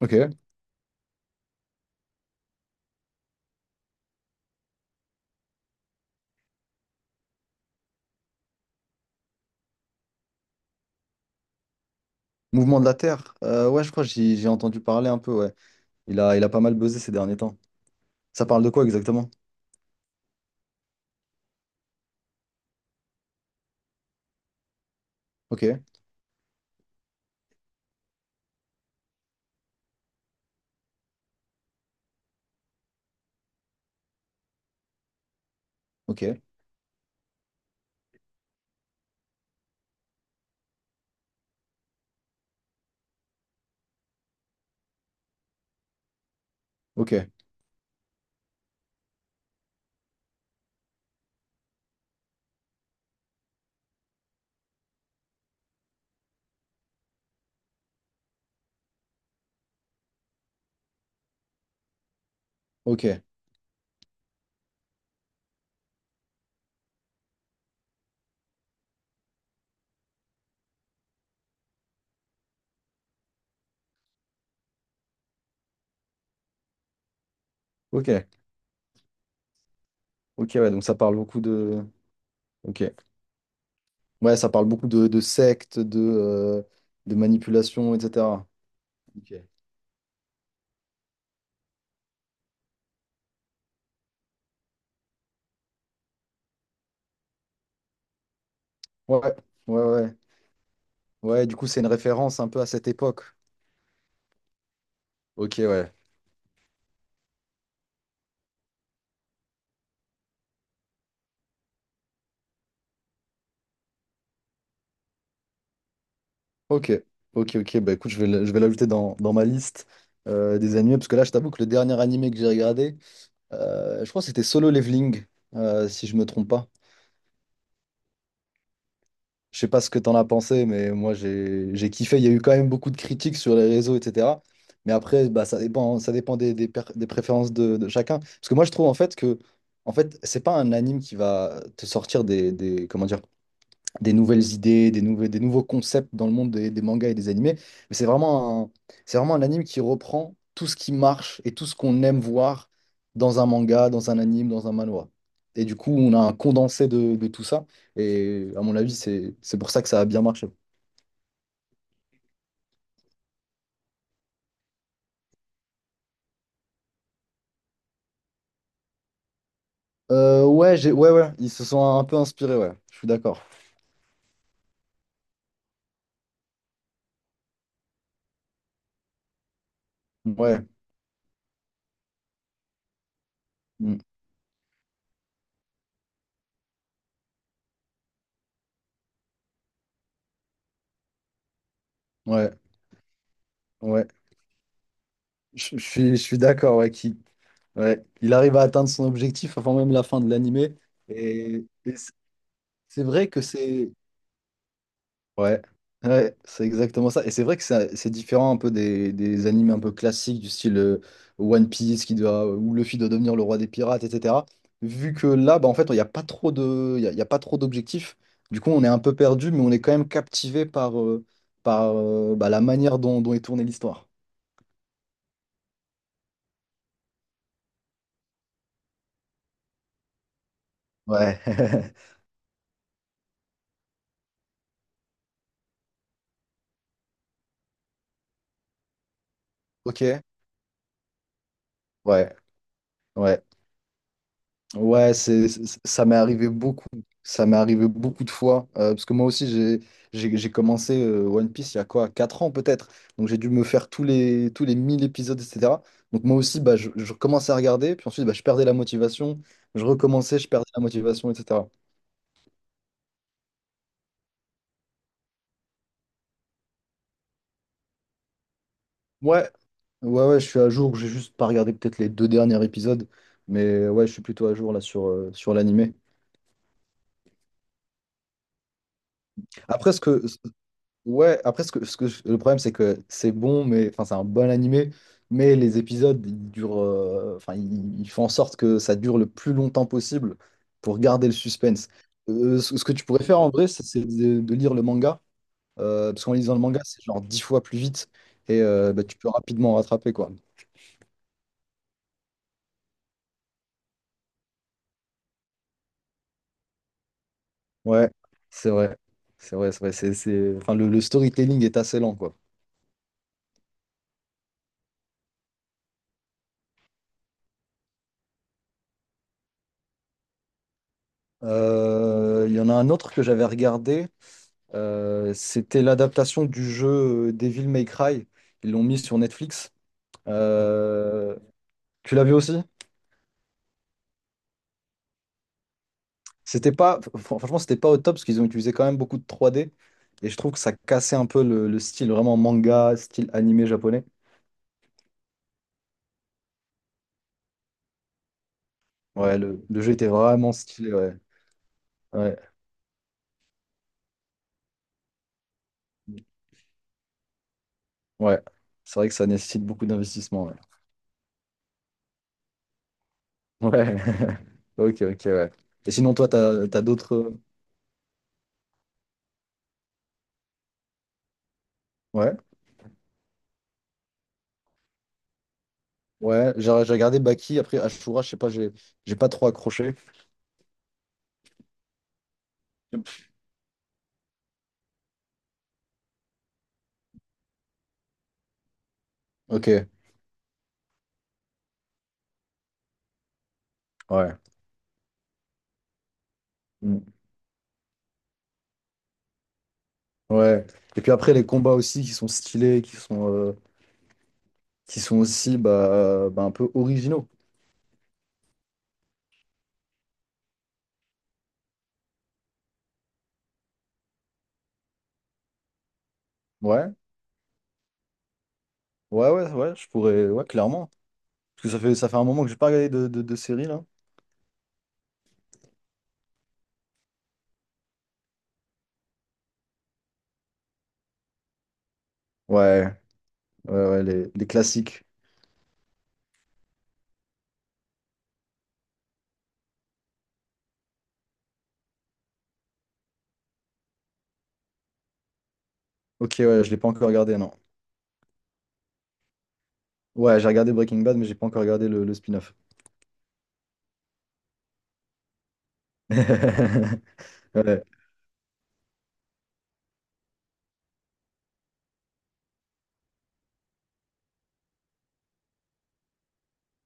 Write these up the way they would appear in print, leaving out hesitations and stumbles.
Ok. Mouvement de la Terre. Ouais, je crois que j'ai entendu parler un peu, ouais. Il a pas mal buzzé ces derniers temps. Ça parle de quoi exactement? Ok, ok, ok, ok, ok, ok, ouais, donc ça parle beaucoup de. Ok. Ouais, ça parle beaucoup de sectes, de manipulation, etc. Ok. Ouais, ouais, ouais. Ouais, du coup, c'est une référence un peu à cette époque. Ok, ouais. Ok, ok, ok. Bah écoute, je vais l'ajouter dans ma liste des animés, parce que là, je t'avoue que le dernier animé que j'ai regardé. Je crois que c'était Solo Leveling, si je me trompe pas. Je sais pas ce que t'en as pensé, mais moi j'ai kiffé. Il y a eu quand même beaucoup de critiques sur les réseaux, etc. Mais après, bah, ça dépend des préférences de chacun. Parce que moi je trouve en fait que c'est pas un anime qui va te sortir comment dire des nouvelles idées, des nouveaux concepts dans le monde des mangas et des animés. Mais c'est vraiment un anime qui reprend tout ce qui marche et tout ce qu'on aime voir dans un manga, dans un anime, dans un manhwa. Et du coup, on a un condensé de tout ça. Et à mon avis, c'est pour ça que ça a bien marché. Ouais, ouais, ouais, ils se sont un peu inspirés, ouais. Je suis d'accord. Ouais, mm, ouais, ouais. Je suis d'accord, ouais, ouais. Il arrive à atteindre son objectif avant même la fin de l'animé. Et c'est vrai que c'est. Ouais, ouais, c'est exactement ça. Et c'est vrai que c'est différent un peu des animes un peu classiques du style One Piece où Luffy doit devenir le roi des pirates, etc. Vu que là, bah, en fait, il n'y a pas trop de, il y a pas trop d'objectifs. Du coup, on est un peu perdu, mais on est quand même captivé par la manière dont est tournée l'histoire. Ouais. Ok. Ouais. Ouais. Ouais, ça m'est arrivé beaucoup. Ça m'est arrivé beaucoup de fois. Parce que moi aussi, j'ai commencé One Piece il y a quoi, 4 ans peut-être. Donc j'ai dû me faire tous les 1000 épisodes, etc. Donc moi aussi, bah, je commençais à regarder. Puis ensuite, bah, je perdais la motivation. Je recommençais, je perdais la motivation, etc. Ouais, ouais, ouais, je suis à jour. J'ai juste pas regardé peut-être les deux derniers épisodes. Mais ouais, je suis plutôt à jour là sur l'animé. Après, ce que, Ouais, après, ce que je- le problème, c'est que c'est bon, mais enfin, c'est un bon animé, mais les épisodes, ils durent, enfin, ils font en sorte que ça dure le plus longtemps possible pour garder le suspense. Ce que tu pourrais faire en vrai, c'est de lire le manga, parce qu'en lisant le manga, c'est genre 10 fois plus vite et tu peux rapidement rattraper, quoi. Ouais, c'est vrai, c'est vrai, c'est vrai. Enfin, le storytelling est assez lent, quoi. Il y en a un autre que j'avais regardé. C'était l'adaptation du jeu Devil May Cry. Ils l'ont mis sur Netflix. Euh, tu l'as vu aussi? C'était pas, franchement, c'était pas au top parce qu'ils ont utilisé quand même beaucoup de 3D. Et je trouve que ça cassait un peu le style vraiment manga, style animé japonais. Ouais, le jeu était vraiment stylé. Ouais, ouais, ouais. C'est vrai que ça nécessite beaucoup d'investissement. Ouais. Ouais. Ok, ok, ouais. Et sinon, toi, t'as d'autres. Ouais, ouais. J'ai regardé Baki. Après, Ashura, je sais pas, j'ai pas trop accroché. Ok, ouais. Mm. Ouais. Et puis après, les combats aussi qui sont stylés, qui sont aussi un peu originaux. Ouais, ouais, ouais, ouais, je pourrais, ouais, clairement. Parce que ça fait un moment que j'ai pas regardé de série, là. Ouais, ouais, ouais, les classiques. Ok, ouais, je l'ai pas encore regardé, non. Ouais, j'ai regardé Breaking Bad, mais j'ai pas encore regardé le spin-off. Ouais.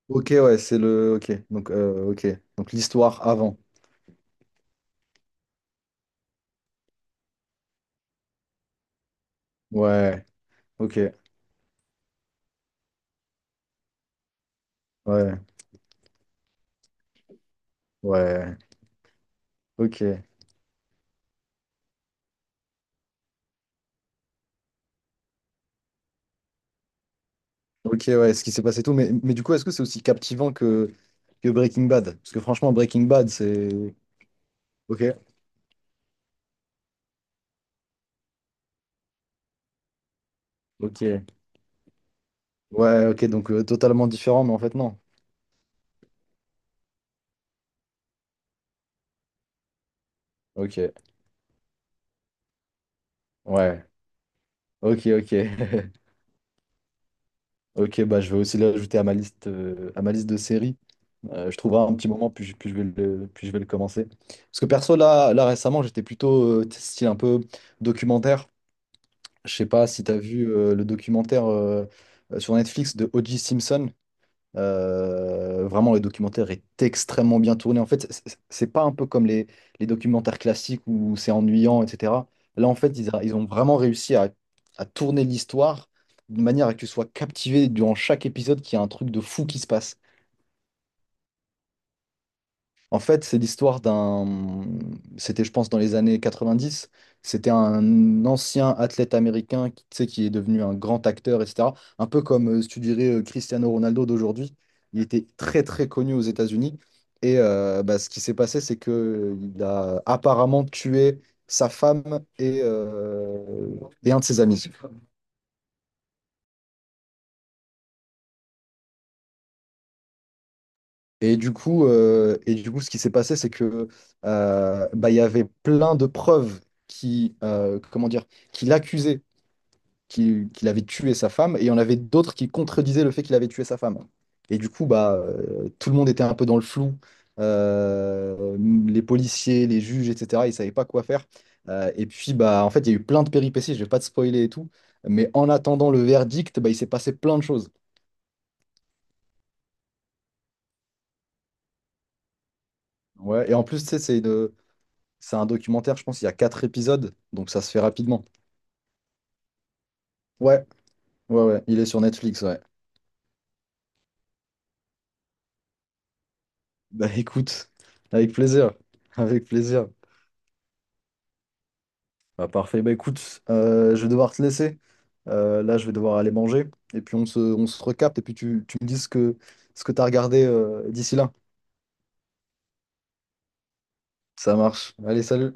Ok, ouais, c'est le. Ok. Donc l'histoire avant. Ouais, ok, ouais, ouais, ok. Ok, ouais, ce qui s'est passé tout. Mais du coup, est-ce que c'est aussi captivant que Breaking Bad? Parce que franchement, Breaking Bad, c'est. Ok. Ok. Ouais, ok, donc totalement différent, mais en fait, non. Ok. Ouais. Ok, ok. Ok, bah je vais aussi l'ajouter à ma liste, à ma liste de séries. Je trouverai un petit moment, puis, puis je vais le commencer. Parce que perso, là récemment, j'étais plutôt tu sais, style un peu documentaire. Je sais pas si tu as vu le documentaire sur Netflix de O.J. Simpson. Vraiment, le documentaire est extrêmement bien tourné. En fait, pas un peu comme les documentaires classiques où c'est ennuyant, etc. Là, en fait, ils ont vraiment réussi à tourner l'histoire d'une manière à que tu sois captivé durant chaque épisode qu'il y a un truc de fou qui se passe. En fait, c'est l'histoire d'un. C'était, je pense, dans les années 90. C'était un ancien athlète américain tu sais, qui est devenu un grand acteur, etc. Un peu comme, si tu dirais, Cristiano Ronaldo d'aujourd'hui. Il était très, très connu aux États-Unis. Et ce qui s'est passé, c'est que il a apparemment tué sa femme et, et un de ses amis. Et du coup, ce qui s'est passé, c'est que il y avait plein de preuves qui, comment dire, qui l'accusaient qu'il avait tué sa femme, et il y en avait d'autres qui contredisaient le fait qu'il avait tué sa femme. Et du coup, tout le monde était un peu dans le flou. Euh, les policiers, les juges, etc., ils ne savaient pas quoi faire. Et puis, bah, en fait, il y a eu plein de péripéties, je ne vais pas te spoiler et tout, mais en attendant le verdict, bah, il s'est passé plein de choses. Ouais, et en plus, tu sais, C'est un documentaire, je pense, il y a quatre épisodes, donc ça se fait rapidement. Ouais, ouais, ouais, il est sur Netflix, ouais. Bah écoute, avec plaisir, avec plaisir. Bah parfait, bah écoute, je vais devoir te laisser. Là, je vais devoir aller manger, et puis on se recapte, et puis tu me dis ce que, t'as regardé d'ici là. Ça marche. Allez, salut.